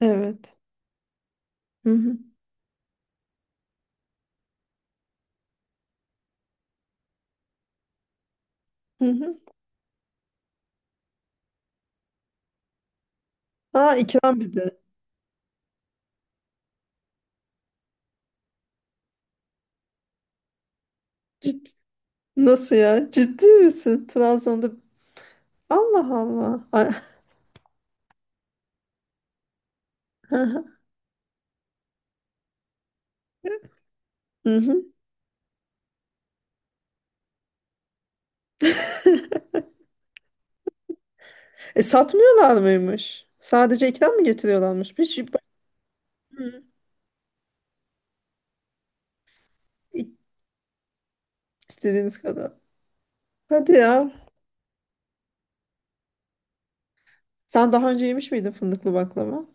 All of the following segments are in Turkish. Evet. Hı hı. Hı hı. Aa, ikram bir de. Ciddi. Nasıl ya? Ciddi misin? Trabzon'da Allah Allah. Ay- Hı hı. E satmıyorlar mıymış? Sadece ikram mı getiriyorlarmış? Bir şey. Hı. İ- İstediğiniz kadar. Hadi ya. Sen daha önce yemiş miydin fındıklı baklava?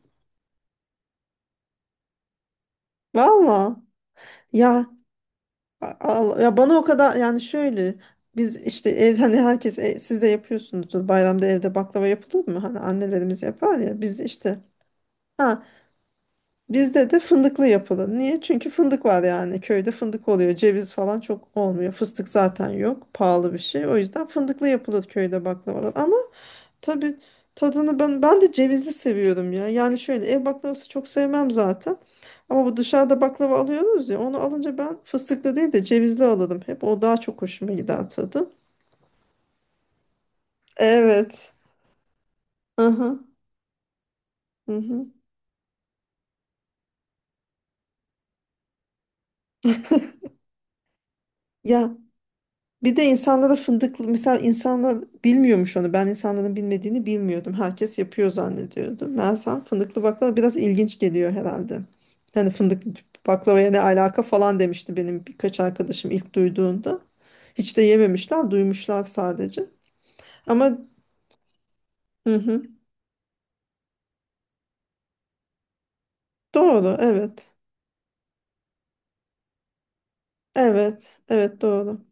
Valla. Ya a- Allah, ya bana o kadar yani şöyle biz işte ev hani herkes siz de yapıyorsunuzdur bayramda evde baklava yapılır mı? Hani annelerimiz yapar ya biz işte. Ha, bizde de fındıklı yapılı. Niye? Çünkü fındık var yani. Köyde fındık oluyor. Ceviz falan çok olmuyor. Fıstık zaten yok. Pahalı bir şey. O yüzden fındıklı yapılır köyde baklavalar. Ama tabii tadını ben de cevizli seviyorum ya. Yani şöyle ev baklavası çok sevmem zaten. Ama bu dışarıda baklava alıyoruz ya. Onu alınca ben fıstıklı değil de cevizli alırım. Hep o daha çok hoşuma gider tadı. Evet. Aha. Hı hı. Ya. Bir de insanlara fındıklı mesela insanlar bilmiyormuş onu. Ben insanların bilmediğini bilmiyordum. Herkes yapıyor zannediyordum. Meğersem fındıklı baklava biraz ilginç geliyor herhalde. Hani fındıklı baklavaya ne alaka falan demişti benim birkaç arkadaşım ilk duyduğunda. Hiç de yememişler, duymuşlar sadece. Ama hı hı, doğru evet. Evet, evet doğru.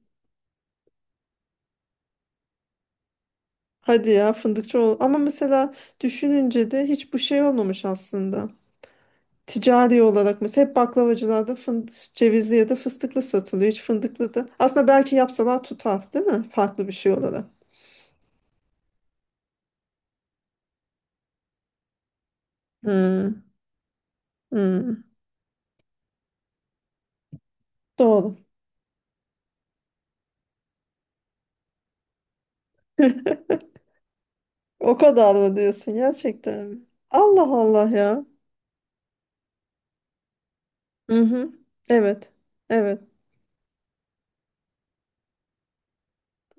Hadi ya, fındıkçı ol. Ama mesela düşününce de hiç bu şey olmamış aslında. Ticari olarak mesela hep baklavacılarda fındık, cevizli ya da fıstıklı satılıyor. Hiç fındıklı da. Aslında belki yapsalar tutar, değil mi? Farklı bir şey olarak. Hmm, hmm. Doğru. O kadar mı diyorsun gerçekten? Mi? Allah Allah ya. Hı hı. Evet. Evet.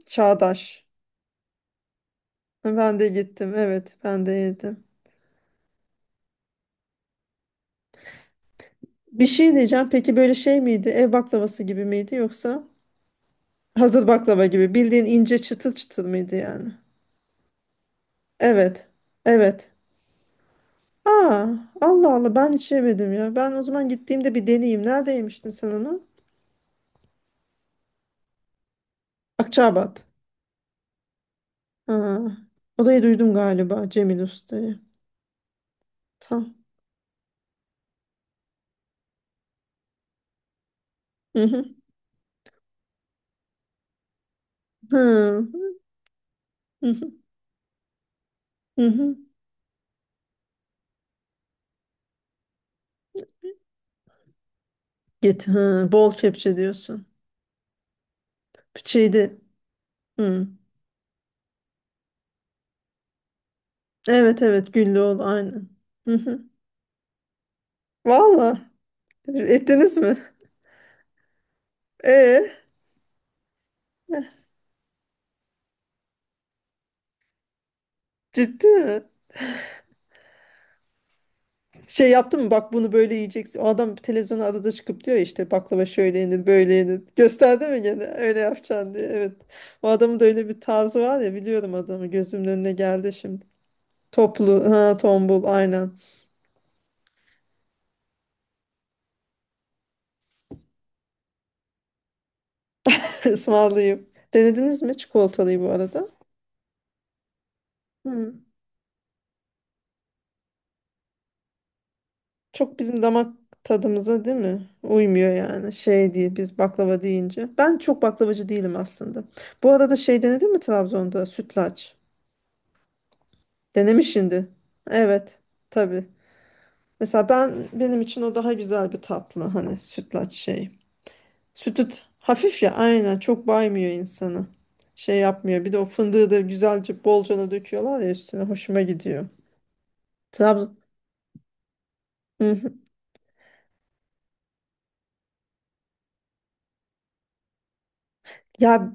Çağdaş. Ben de gittim. Evet, ben de yedim. Bir şey diyeceğim. Peki böyle şey miydi? Ev baklavası gibi miydi yoksa hazır baklava gibi? Bildiğin ince çıtır çıtır mıydı yani? Evet. Evet. Aa, Allah Allah ben hiç yemedim ya. Ben o zaman gittiğimde bir deneyeyim. Nerede yemiştin sen onu? Akçaabat. Ha. Odayı duydum galiba Cemil Usta'yı. Tamam. Hı hı. Hı hı. Hı hı. Git. Hı. Bol kepçe diyorsun. Şeydi. Hı. Evet evet, Güllüoğlu aynen. Hı hı. Valla. Ettiniz mi? E. Ciddi mi? Şey yaptın mı, bak bunu böyle yiyeceksin. O adam televizyona adada çıkıp diyor ya işte baklava şöyle yenir böyle yenir. Gösterdi mi gene öyle yapacaksın diye. Evet. O adamın da öyle bir tarzı var ya, biliyorum adamı, gözümün önüne geldi şimdi. Toplu ha, tombul aynen. Ismarlayayım. Denediniz mi çikolatalıyı bu arada? Hı. Çok bizim damak tadımıza değil mi? Uymuyor yani şey diye biz baklava deyince. Ben çok baklavacı değilim aslında. Bu arada şey denedin mi Trabzon'da, sütlaç? Denemişsindir. Evet tabii. Mesela ben, benim için o daha güzel bir tatlı, hani sütlaç şey. Sütü hafif ya aynen, çok baymıyor insanı. Şey yapmıyor. Bir de o fındığı da güzelce bolcana döküyorlar ya üstüne, hoşuma gidiyor. Trabzon. Hı hı. Ya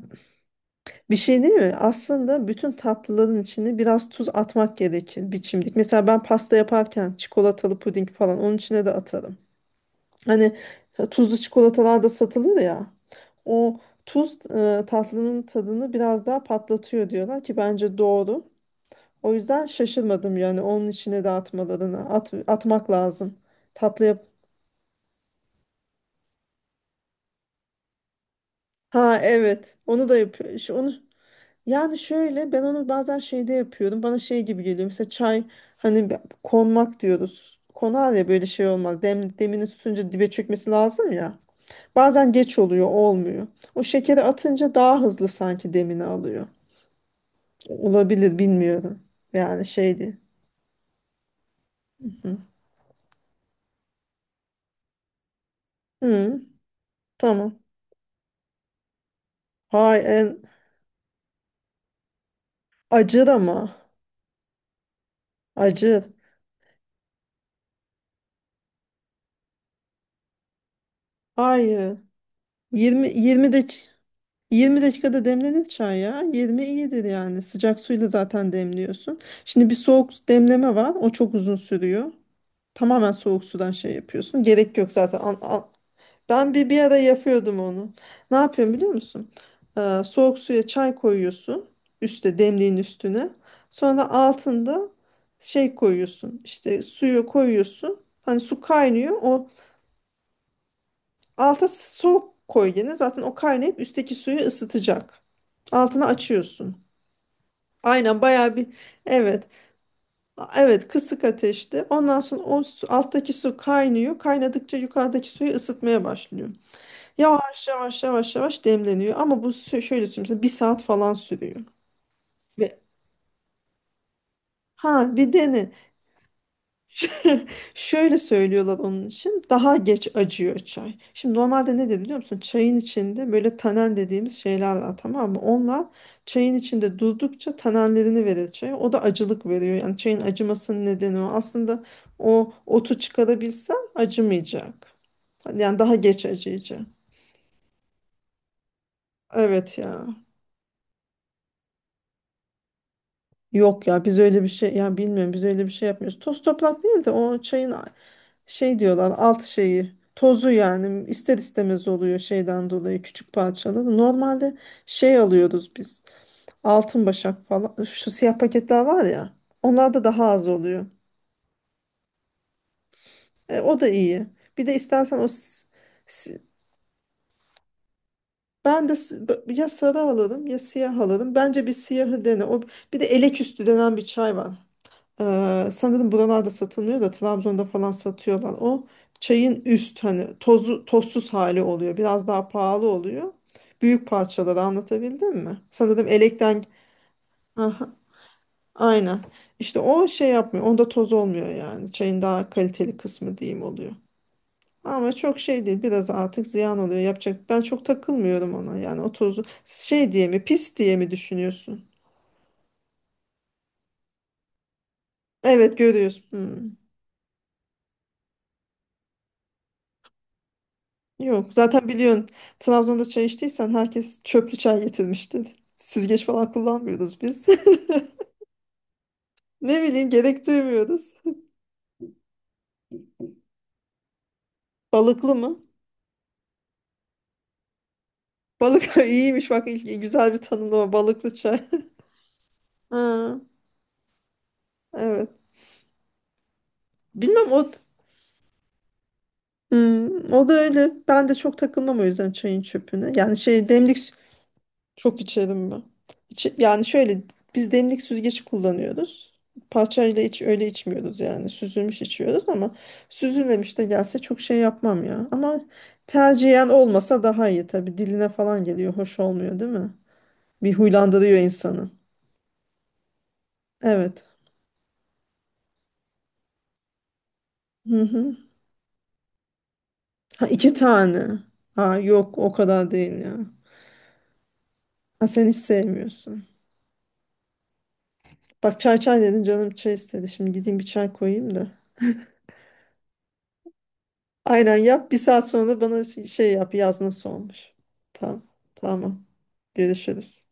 bir şey değil mi? Aslında bütün tatlıların içine biraz tuz atmak gerekir biçimlik. Mesela ben pasta yaparken çikolatalı puding falan, onun içine de atarım. Hani ta- tuzlu çikolatalar da satılır ya. O tuz tatlının tadını biraz daha patlatıyor diyorlar ki bence doğru. O yüzden şaşırmadım yani, onun içine de atmalarını atmak lazım tatlıya. Ha evet, onu da yapıyor. Yani şöyle ben onu bazen şeyde yapıyorum. Bana şey gibi geliyor. Mesela çay hani be- konmak diyoruz. Konar ya, böyle şey olmaz. Demini tutunca dibe çökmesi lazım ya. Bazen geç oluyor, olmuyor. O şekeri atınca daha hızlı sanki demini alıyor. Olabilir, bilmiyorum. Yani şeydi. Hı. Hı, tamam. Hayır, en- acır ama. Acır. Hayır. 20 dak 20 dakikada demlenir çay ya. 20 iyidir yani. Sıcak suyla zaten demliyorsun. Şimdi bir soğuk demleme var. O çok uzun sürüyor. Tamamen soğuk sudan şey yapıyorsun. Gerek yok zaten. An, an- ben bir ara yapıyordum onu. Ne yapıyorum biliyor musun? Soğuk suya çay koyuyorsun. Üste, demliğin üstüne. Sonra altında şey koyuyorsun. İşte suyu koyuyorsun. Hani su kaynıyor. O alta soğuk koy gene. Zaten o kaynayıp üstteki suyu ısıtacak. Altını açıyorsun. Aynen, bayağı bir evet. A- Evet, kısık ateşte. Ondan sonra o su- alttaki su kaynıyor. Kaynadıkça yukarıdaki suyu ısıtmaya başlıyor. Yavaş yavaş yavaş yavaş demleniyor. Ama bu sü- şöyle söyleyeyim sana, bir saat falan sürüyor. Ve ha, bir dene. Şöyle söylüyorlar onun için. Daha geç acıyor çay. Şimdi normalde ne de biliyor musun? Çayın içinde böyle tanen dediğimiz şeyler var, tamam mı? Onlar çayın içinde durdukça tanenlerini verir çaya. O da acılık veriyor. Yani çayın acımasının nedeni o. Aslında o otu çıkarabilsen acımayacak. Yani daha geç acıyacak. Evet ya. Yok ya, biz öyle bir şey ya bilmiyorum, biz öyle bir şey yapmıyoruz. Toz toprak değil de o çayın a- şey diyorlar, alt şeyi tozu yani ister istemez oluyor şeyden dolayı, küçük parçaları. Normalde şey alıyoruz biz, altın başak falan, şu siyah paketler var ya, onlar da daha az oluyor. E, o da iyi. Bir de istersen o s- ben de ya sarı alırım ya siyah alırım. Bence bir siyahı dene. O, bir de elek üstü denen bir çay var. Sanırım buralarda satılmıyor da Trabzon'da falan satıyorlar. O çayın üst hani tozu, tozsuz hali oluyor. Biraz daha pahalı oluyor. Büyük parçaları anlatabildim mi? Sanırım elekten. Aha, aynen. İşte o şey yapmıyor. Onda toz olmuyor yani. Çayın daha kaliteli kısmı diyeyim oluyor. Ama çok şey değil. Biraz artık ziyan oluyor. Yapacak. Ben çok takılmıyorum ona. Yani o tozu şey diye mi, pis diye mi düşünüyorsun? Evet, görüyorsun. Hmm. Yok, zaten biliyorsun Trabzon'da çay içtiysen herkes çöplü çay getirmişti. Süzgeç falan kullanmıyoruz biz. Ne bileyim, gerek duymuyoruz. Balıklı mı? Balık iyiymiş bak ilk- güzel bir tanımlama, balıklı çay. Ha, evet. Bilmem o. Hmm, o da öyle. Ben de çok takılmam o yüzden çayın çöpüne. Yani şey demlik. Çok içerim ben. Yani şöyle biz demlik süzgeci kullanıyoruz. Parçayla iç öyle içmiyoruz yani. Süzülmüş içiyoruz ama süzülmemiş de gelse çok şey yapmam ya. Ama tercihen olmasa daha iyi tabii. Diline falan geliyor. Hoş olmuyor değil mi? Bir huylandırıyor insanı. Evet. Hı hı. Ha, iki tane. Ha yok, o kadar değil ya. Ha sen hiç sevmiyorsun. Bak çay çay dedin, canım çay istedi. Şimdi gideyim bir çay koyayım da. Aynen yap. Bir saat sonra da bana şey yap. Yaz nasıl olmuş. Tamam. Tamam. Görüşürüz.